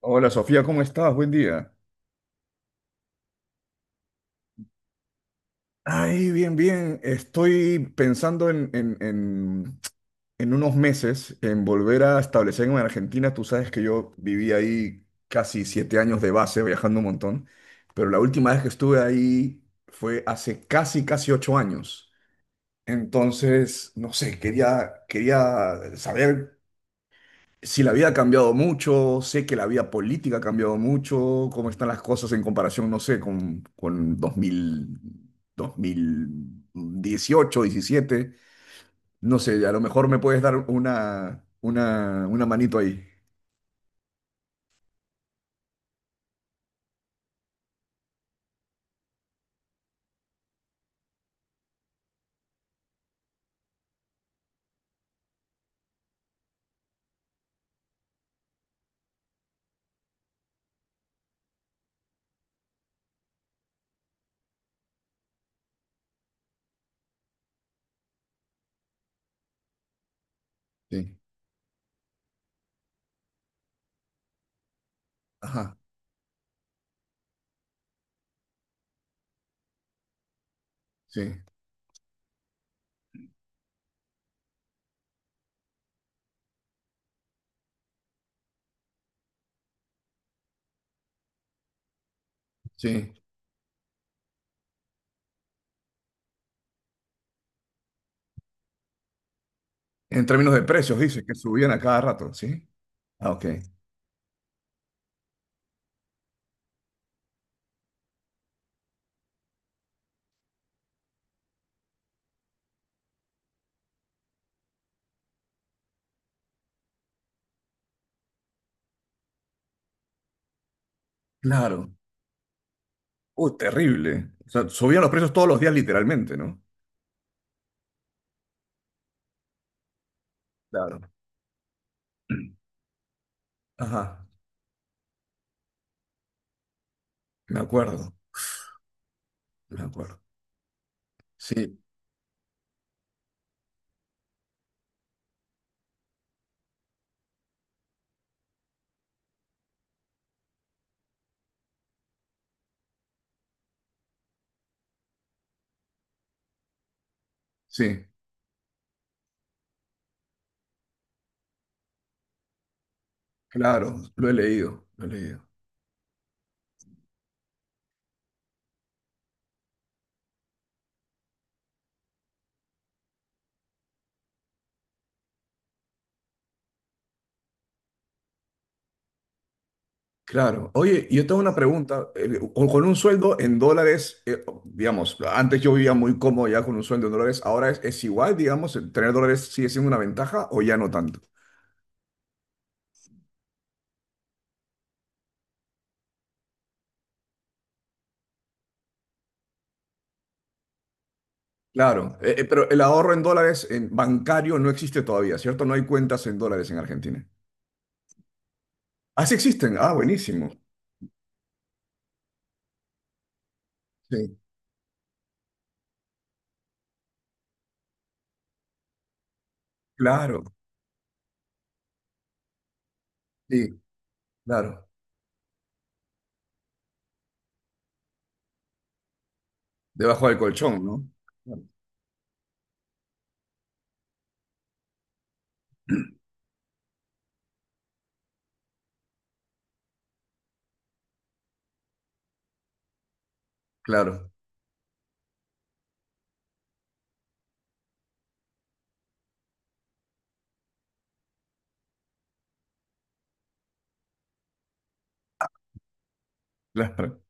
Hola Sofía, ¿cómo estás? Buen día. Ay, bien, bien. Estoy pensando en unos meses en volver a establecerme en Argentina. Tú sabes que yo viví ahí casi siete años de base, viajando un montón, pero la última vez que estuve ahí fue hace casi, casi ocho años. Entonces, no sé, quería saber si la vida ha cambiado mucho, sé que la vida política ha cambiado mucho, cómo están las cosas en comparación, no sé, con 2018, 2017 no sé, a lo mejor me puedes dar una manito ahí. Sí, ajá, sí, sí. En términos de precios, dice que subían a cada rato, ¿sí? Ah, ok. Claro. Uy, terrible. O sea, subían los precios todos los días literalmente, ¿no? Claro. Ajá, me acuerdo, me acuerdo. Sí, sí, claro, lo he leído. Claro. Oye, yo tengo una pregunta. Con un sueldo en dólares, digamos, antes yo vivía muy cómodo ya con un sueldo en dólares, ahora es igual, digamos, el tener dólares sigue siendo una ventaja o ya no tanto. Claro, pero el ahorro en dólares en bancario no existe todavía, ¿cierto? No hay cuentas en dólares en Argentina. Ah, sí existen. Ah, buenísimo. Sí, claro, sí, claro. Debajo del colchón, ¿no? Claro, claro, claro.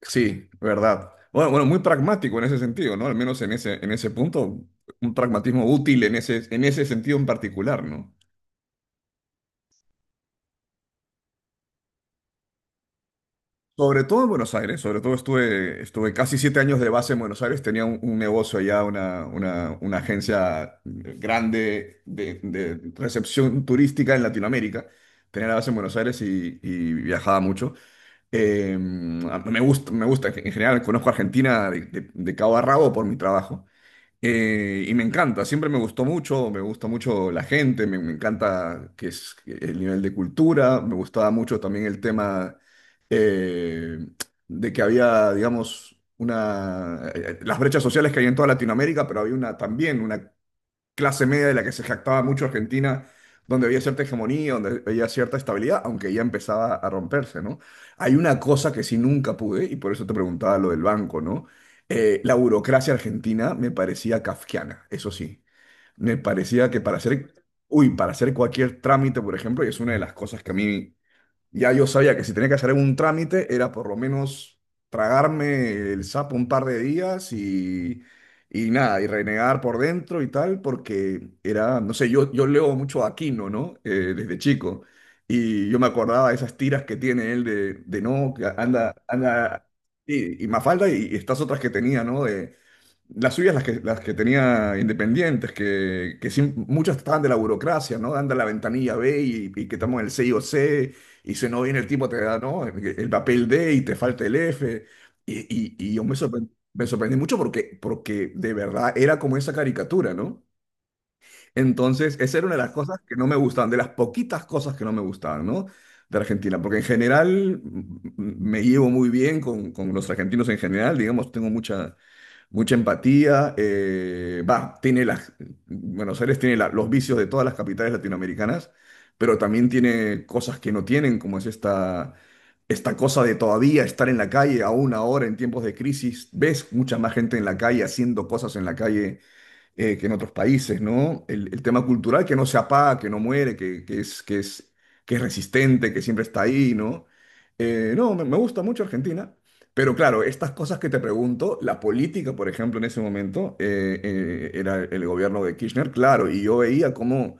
Sí, verdad. Bueno, bueno, muy pragmático en ese sentido, ¿no? Al menos en ese punto, un pragmatismo útil en ese sentido en particular, ¿no? Sobre todo en Buenos Aires, sobre todo estuve casi siete años de base en Buenos Aires, tenía un negocio allá, una agencia grande de recepción turística en Latinoamérica, tenía la base en Buenos Aires y viajaba mucho. Me gusta, en general conozco Argentina de cabo a rabo por mi trabajo. Y me encanta, siempre me gustó mucho, me gusta mucho la gente, me encanta que es el nivel de cultura, me gustaba mucho también el tema eh, de que había, digamos, las brechas sociales que hay en toda Latinoamérica, pero había una, también una clase media de la que se jactaba mucho Argentina, donde había cierta hegemonía, donde había cierta estabilidad, aunque ya empezaba a romperse, ¿no? Hay una cosa que sí nunca pude, y por eso te preguntaba lo del banco, ¿no? La burocracia argentina me parecía kafkiana, eso sí. Me parecía que para hacer, uy, para hacer cualquier trámite, por ejemplo, y es una de las cosas que a mí ya yo sabía que si tenía que hacer algún trámite era por lo menos tragarme el sapo un par de días y nada, y renegar por dentro y tal, porque era, no sé, yo leo mucho a Aquino, ¿no? Desde chico. Y yo me acordaba de esas tiras que tiene él de no, que anda, anda, y Mafalda y estas otras que tenía, ¿no? De, las suyas, las que tenía independientes, que sí, muchas estaban de la burocracia, ¿no? Anda a la ventanilla B y que estamos en el C o C, y si no viene el tipo te da, ¿no? El papel D y te falta el F. Y yo me sorprendí mucho porque, porque de verdad era como esa caricatura, ¿no? Entonces, esa era una de las cosas que no me gustaban, de las poquitas cosas que no me gustaban, ¿no? De Argentina, porque en general me llevo muy bien con los argentinos en general, digamos, tengo mucha empatía. Tiene Buenos Aires tiene los vicios de todas las capitales latinoamericanas, pero también tiene cosas que no tienen, como es esta, esta cosa de todavía estar en la calle, aún ahora en tiempos de crisis, ves mucha más gente en la calle haciendo cosas en la calle que en otros países, ¿no? El tema cultural que no se apaga, que no muere, que es resistente, que siempre está ahí, ¿no? No, me gusta mucho Argentina, pero claro, estas cosas que te pregunto, la política, por ejemplo, en ese momento, era el gobierno de Kirchner, claro, y yo veía cómo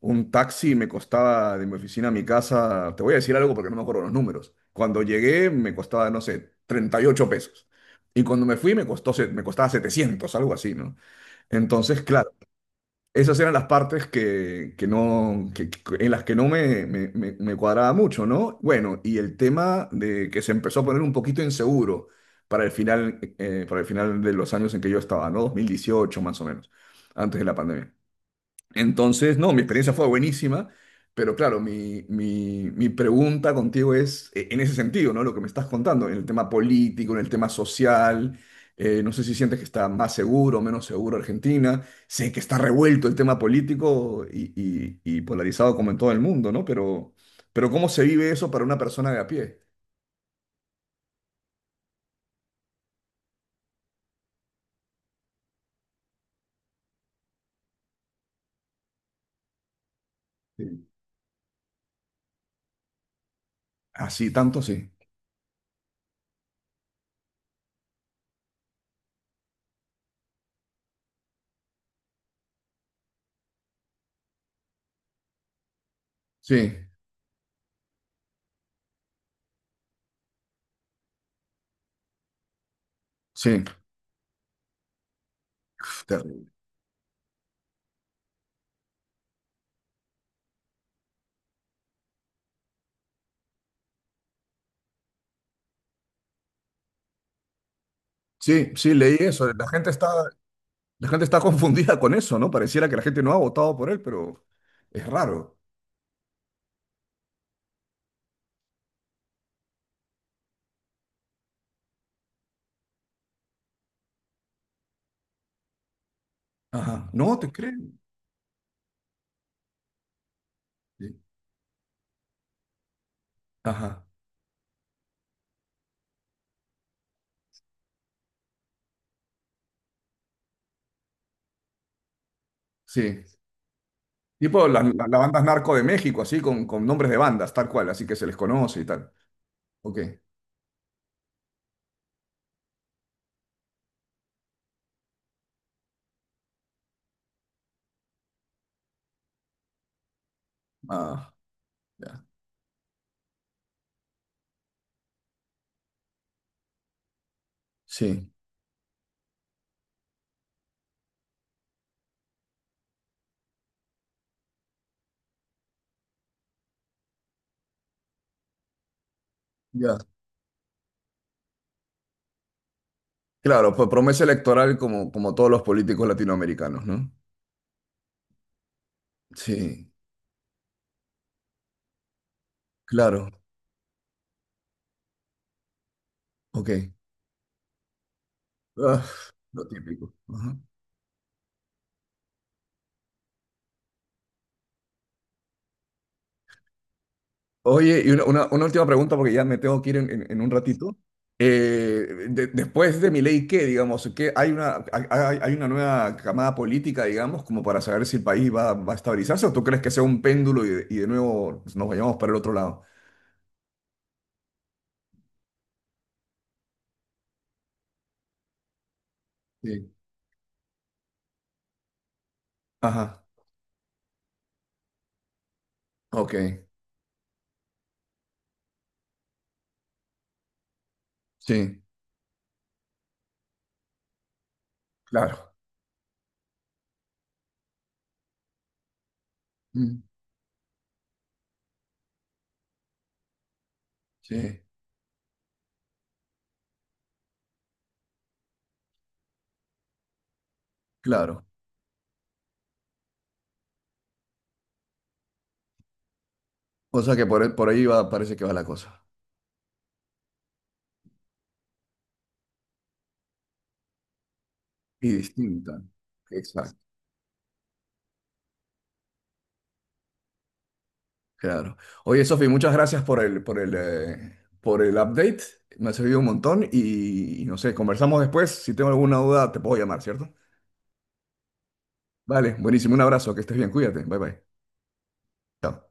un taxi me costaba de mi oficina a mi casa, te voy a decir algo porque no me acuerdo los números, cuando llegué me costaba, no sé, 38 pesos. Y cuando me fui me costó, me costaba 700, algo así, ¿no? Entonces, claro, esas eran las partes que no, que- en las que no me cuadraba mucho, ¿no? Bueno, y el tema de que se empezó a poner un poquito inseguro para el final de los años en que yo estaba, ¿no? 2018 más o menos, antes de la pandemia. Entonces, no, mi experiencia fue buenísima, pero claro, mi pregunta contigo es en ese sentido, ¿no? Lo que me estás contando, en el tema político, en el tema social, no sé si sientes que está más seguro o menos seguro Argentina, sé que está revuelto el tema político y polarizado como en todo el mundo, ¿no? Pero ¿cómo se vive eso para una persona de a pie? Sí. Así, tanto sí. Sí, sí. Terrible. Sí, sí, leí eso. La gente está. La gente está confundida con eso, ¿no? Pareciera que la gente no ha votado por él, pero es raro. Ajá. No, te creen. Sí. Ajá. Sí. Tipo las bandas narco de México, así, con nombres de bandas, tal cual, así que se les conoce y tal. Ok. Ah, ya. Sí. Ya. Claro, pues promesa electoral como, como todos los políticos latinoamericanos, ¿no? Sí, claro. Ok. Ah, lo típico. Ajá. Oye, y una última pregunta porque ya me tengo que ir en un ratito. Después de Milei, ¿qué, digamos? ¿Qué, hay una, hay una nueva camada política, digamos, como para saber si el país va a estabilizarse o tú crees que sea un péndulo y de nuevo nos vayamos para el otro lado? Sí. Ajá, ok, sí, claro. Mm, sí, claro. O sea que por ahí va, parece que va la cosa. Y distinta. Exacto. Claro. Oye, Sofi, muchas gracias por el, por el, por el update. Me ha servido un montón y no sé, conversamos después. Si tengo alguna duda, te puedo llamar, ¿cierto? Vale, buenísimo. Un abrazo, que estés bien, cuídate. Bye bye. Chao.